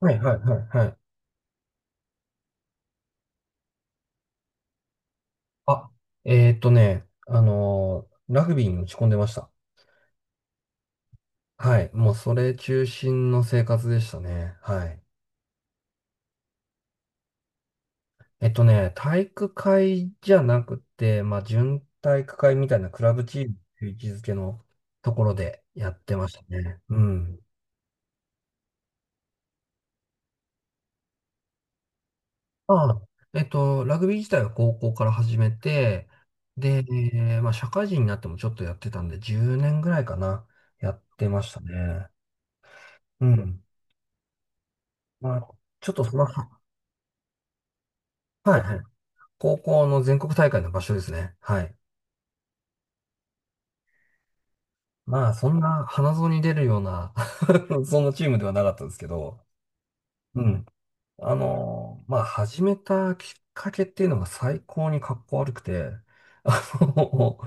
はいはいはいはい。あ、ラグビーに打ち込んでました。はい。もうそれ中心の生活でしたね。はい。体育会じゃなくて、まあ、準体育会みたいなクラブチームという位置づけのところでやってましたね。うん。まあ、ラグビー自体は高校から始めて、で、まあ、社会人になってもちょっとやってたんで、10年ぐらいかな、やってましたね。うん。まあちょっとそのはいはい。高校の全国大会の場所ですね。はい。まあ、そんな花園に出るような そんなチームではなかったんですけど、うん。まあ、始めたきっかけっていうのが最高にかっこ悪くて、あの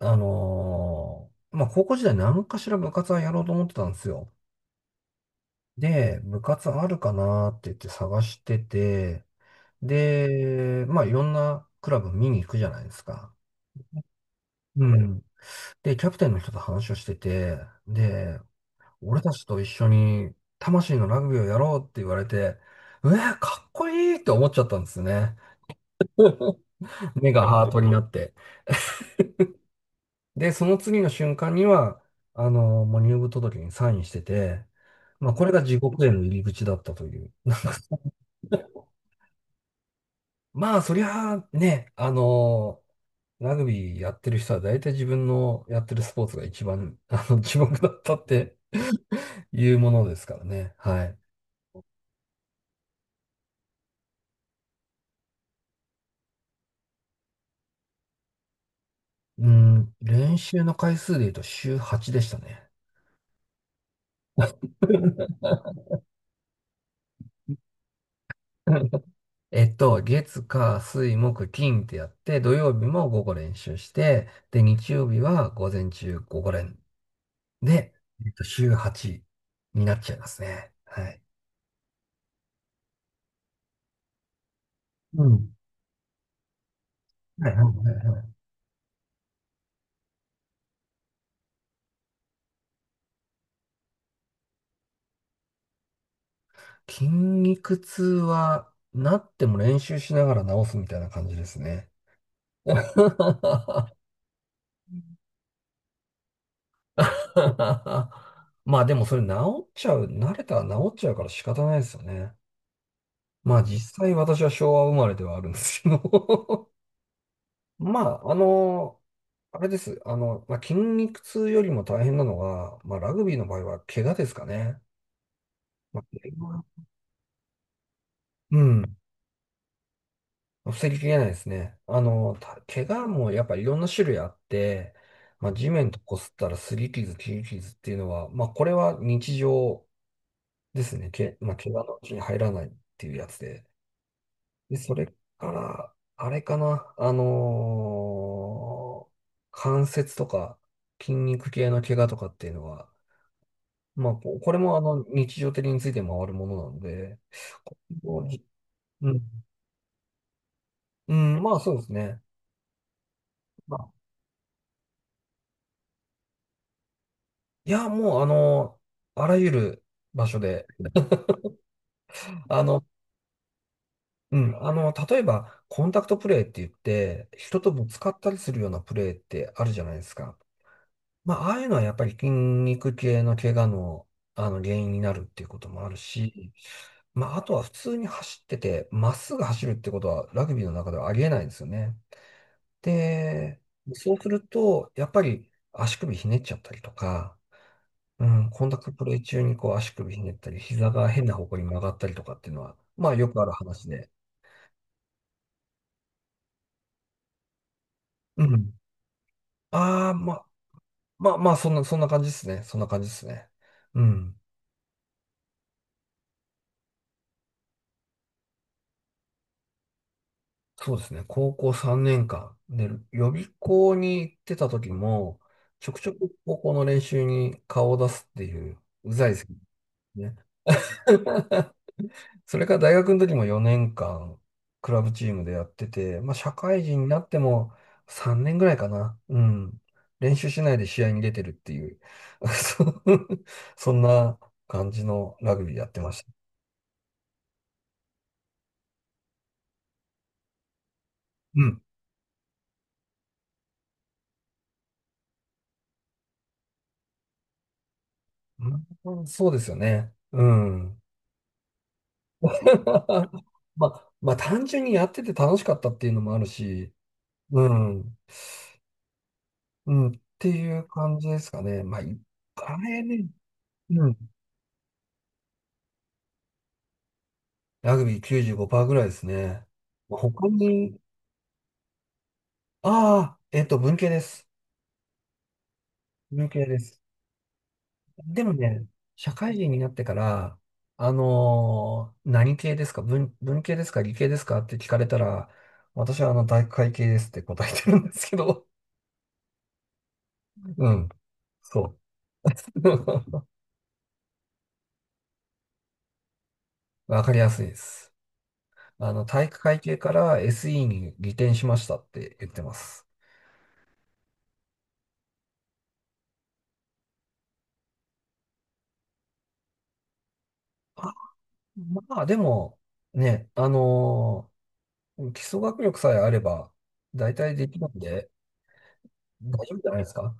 あのまあ、高校時代何かしら部活はやろうと思ってたんですよ。で、部活あるかなって言って探してて、で、まあ、いろんなクラブ見に行くじゃないですか。うん。で、キャプテンの人と話をしてて、で、俺たちと一緒に魂のラグビーをやろうって言われて、うわ、かっこいいって思っちゃったんですよね。目がハートになって。で、その次の瞬間には、もう入部届にサインしてて、まあ、これが地獄への入り口だったという。なんかまあ、そりゃあね、ラグビーやってる人は大体自分のやってるスポーツが一番、地獄だったっていうものですからね。はい。うん、練習の回数で言うと週8でしたね。月、火、水、木、金ってやって、土曜日も午後練習して、で、日曜日は午前中午後練。で、週8になっちゃいますね。はい。うん。はいはいはいはい。筋肉痛は、なっても練習しながら治すみたいな感じですね。まあでもそれ治っちゃう、慣れたら治っちゃうから仕方ないですよね。まあ実際私は昭和生まれではあるんですけど まあ、あれです。まあ、筋肉痛よりも大変なのが、まあラグビーの場合は怪我ですかね。まあ、怪我うん。防ぎきれないですね。怪我もやっぱいろんな種類あって、まあ地面と擦ったら擦り傷、切り傷っていうのは、まあこれは日常ですね。まあ怪我のうちに入らないっていうやつで。で、それから、あれかな、関節とか筋肉系の怪我とかっていうのは、まあ、これも日常的について回るものなので、ここにうん、うん、まあそうですね。まあ、いや、もうあらゆる場所で、あの、うん、例えば、コンタクトプレーって言って、人とぶつかったりするようなプレーってあるじゃないですか。まあ、ああいうのはやっぱり筋肉系の怪我の、あの原因になるっていうこともあるし、まあ、あとは普通に走ってて、まっすぐ走るってことはラグビーの中ではありえないんですよね。で、そうすると、やっぱり足首ひねっちゃったりとか、うん、コンタクトプレー中にこう足首ひねったり、膝が変な方向に曲がったりとかっていうのは、まあよくある話で。うん。ああ、まあ、まあ、まあ、そんな感じですね。そんな感じですね。うん。そうですね。高校3年間。で、予備校に行ってた時も、ちょくちょく高校の練習に顔を出すっていう、うざいですね。それから大学の時も4年間、クラブチームでやってて、まあ社会人になっても3年ぐらいかな。うん。練習しないで試合に出てるっていう、そうそんな感じのラグビーやってました。うん。うんそうですよね。うん。まあ、まあ単純にやってて楽しかったっていうのもあるし、うん、うん、っていう感じですかね。まあ、あれね、うん、ラグビー95%ぐらいですね。まあ他に、ああ、文系です。文系です。でもね、社会人になってから、何系ですか文系ですか理系ですかって聞かれたら、私は大会系ですって答えてるんですけど、うん、そう。わかりやすいです。体育会系から SE に移転しましたって言ってます。あ、まあ、でも、ね、基礎学力さえあれば、大体できるんで、大丈夫じゃないですか。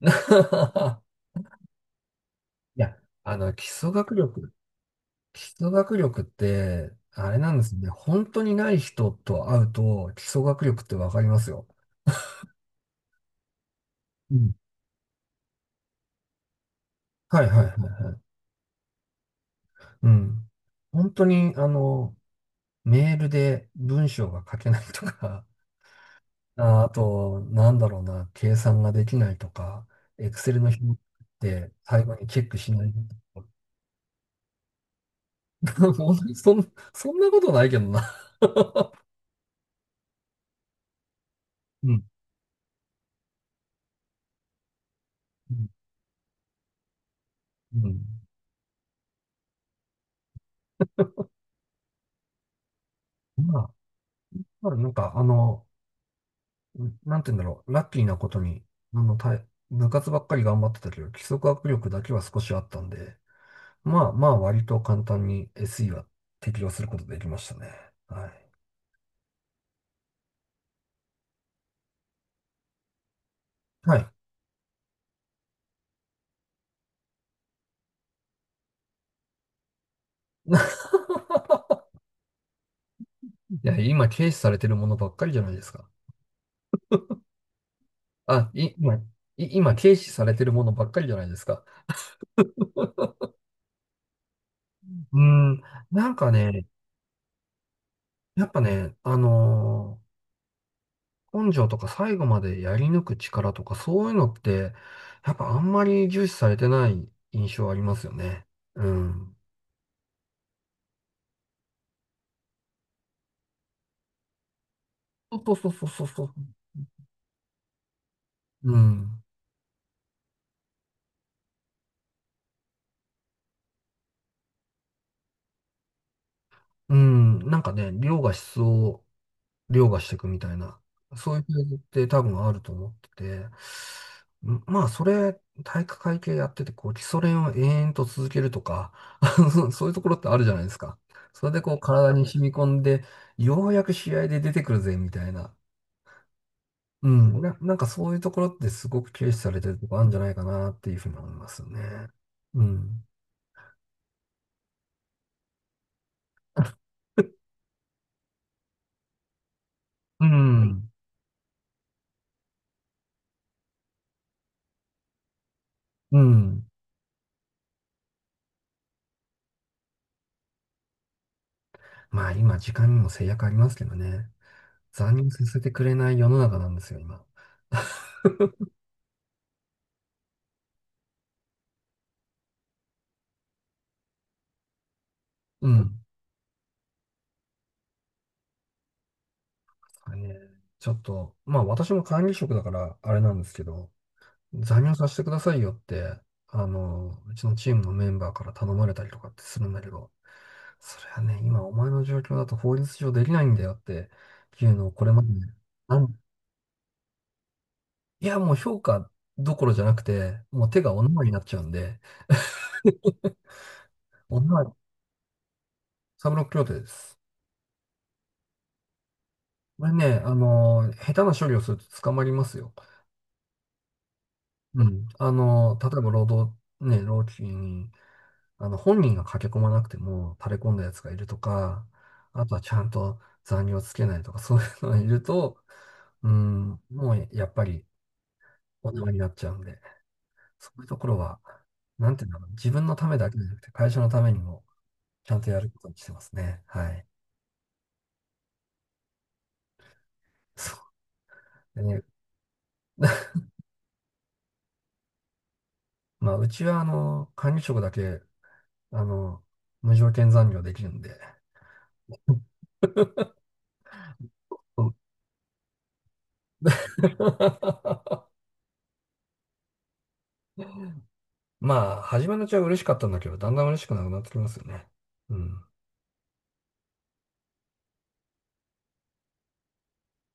いや、基礎学力、基礎学力って、あれなんですね。本当にない人と会うと、基礎学力ってわかりますよ。うんはいはいはいはい。うん。本当に、メールで文章が書けないとかあ、あと、なんだろうな、計算ができないとか、エクセルの表って最後にチェックしない。本当にそんなことないけどな。うん。うん。うんまあ、まあ、なんか、なんて言うんだろう、ラッキーなことに、部活ばっかり頑張ってたけど、基礎学力だけは少しあったんで、まあまあ、割と簡単に SE は適用することできましたね。はい。はい。いや、今軽視されてるものばっかりじゃないですか。あ、い、今、い、今軽視されてるものばっかりじゃないですか。うーん、なんかね、やっぱね、根性とか最後までやり抜く力とかそういうのって、やっぱあんまり重視されてない印象ありますよね。うん。そうそうそうそうそうそう。うん。うん。なんかね、量が質を凌駕していくみたいな、そういうフェーズって多分あると思ってて、まあ、それ、体育会系やってて、こう、基礎練を延々と続けるとか、そうそういうところってあるじゃないですか。それでこう、体に染み込んで、ようやく試合で出てくるぜ、みたいな。うん、なんかそういうところってすごく軽視されてるとこあるんじゃないかなっていうふうに思いますよね。うん。うん。うん。まあ今時間にも制約ありますけどね。残業させてくれない世の中なんですよ、今。うん。はいねちょっと、まあ私も管理職だからあれなんですけど、残業させてくださいよって、うちのチームのメンバーから頼まれたりとかってするんだけど、それはね、今お前の状況だと法律上できないんだよっていうのをこれまでね、あん、いやもう評価どころじゃなくて、もう手がお縄になっちゃうんで、お縄、サブロック協定です。これね、下手な処理をすると捕まりますよ。うん。例えば労働、ね、労基に、本人が駆け込まなくても垂れ込んだやつがいるとか、あとはちゃんと残業つけないとか、そういうのがいると、うん、もうやっぱりお縄になっちゃうんで、そういうところは、なんていうのかな、自分のためだけじゃなくて、会社のためにもちゃんとやることにしてますね。はい。そうでね、まあ、うちは、管理職だけ、あの、無条件残業できるんで、うん まあ、初めのうちは嬉しかったんだけど、だんだん嬉しくなくなってきますよね。うん。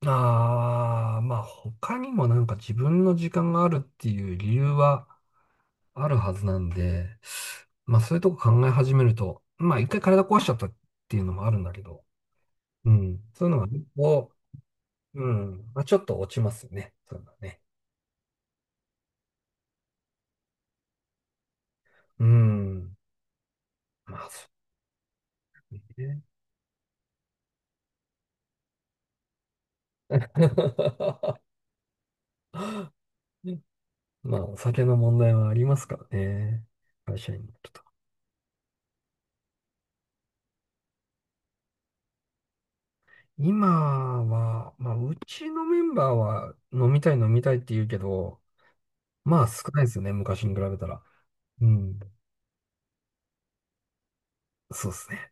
ああ、まあ、他にもなんか自分の時間があるっていう理由はあるはずなんで、まあ、そういうとこ考え始めると、まあ、一回体壊しちゃったっていうのもあるんだけど、うん。そういうのがね、こう、うん。まあ、ちょっと落ちますよね。そういうのはね。うん。まあ、そうね。まあ、お酒の問題はありますからね。会社員。今は、まあ、うちのメンバーは飲みたい飲みたいって言うけど、まあ少ないですよね、昔に比べたら。うん。そうですね。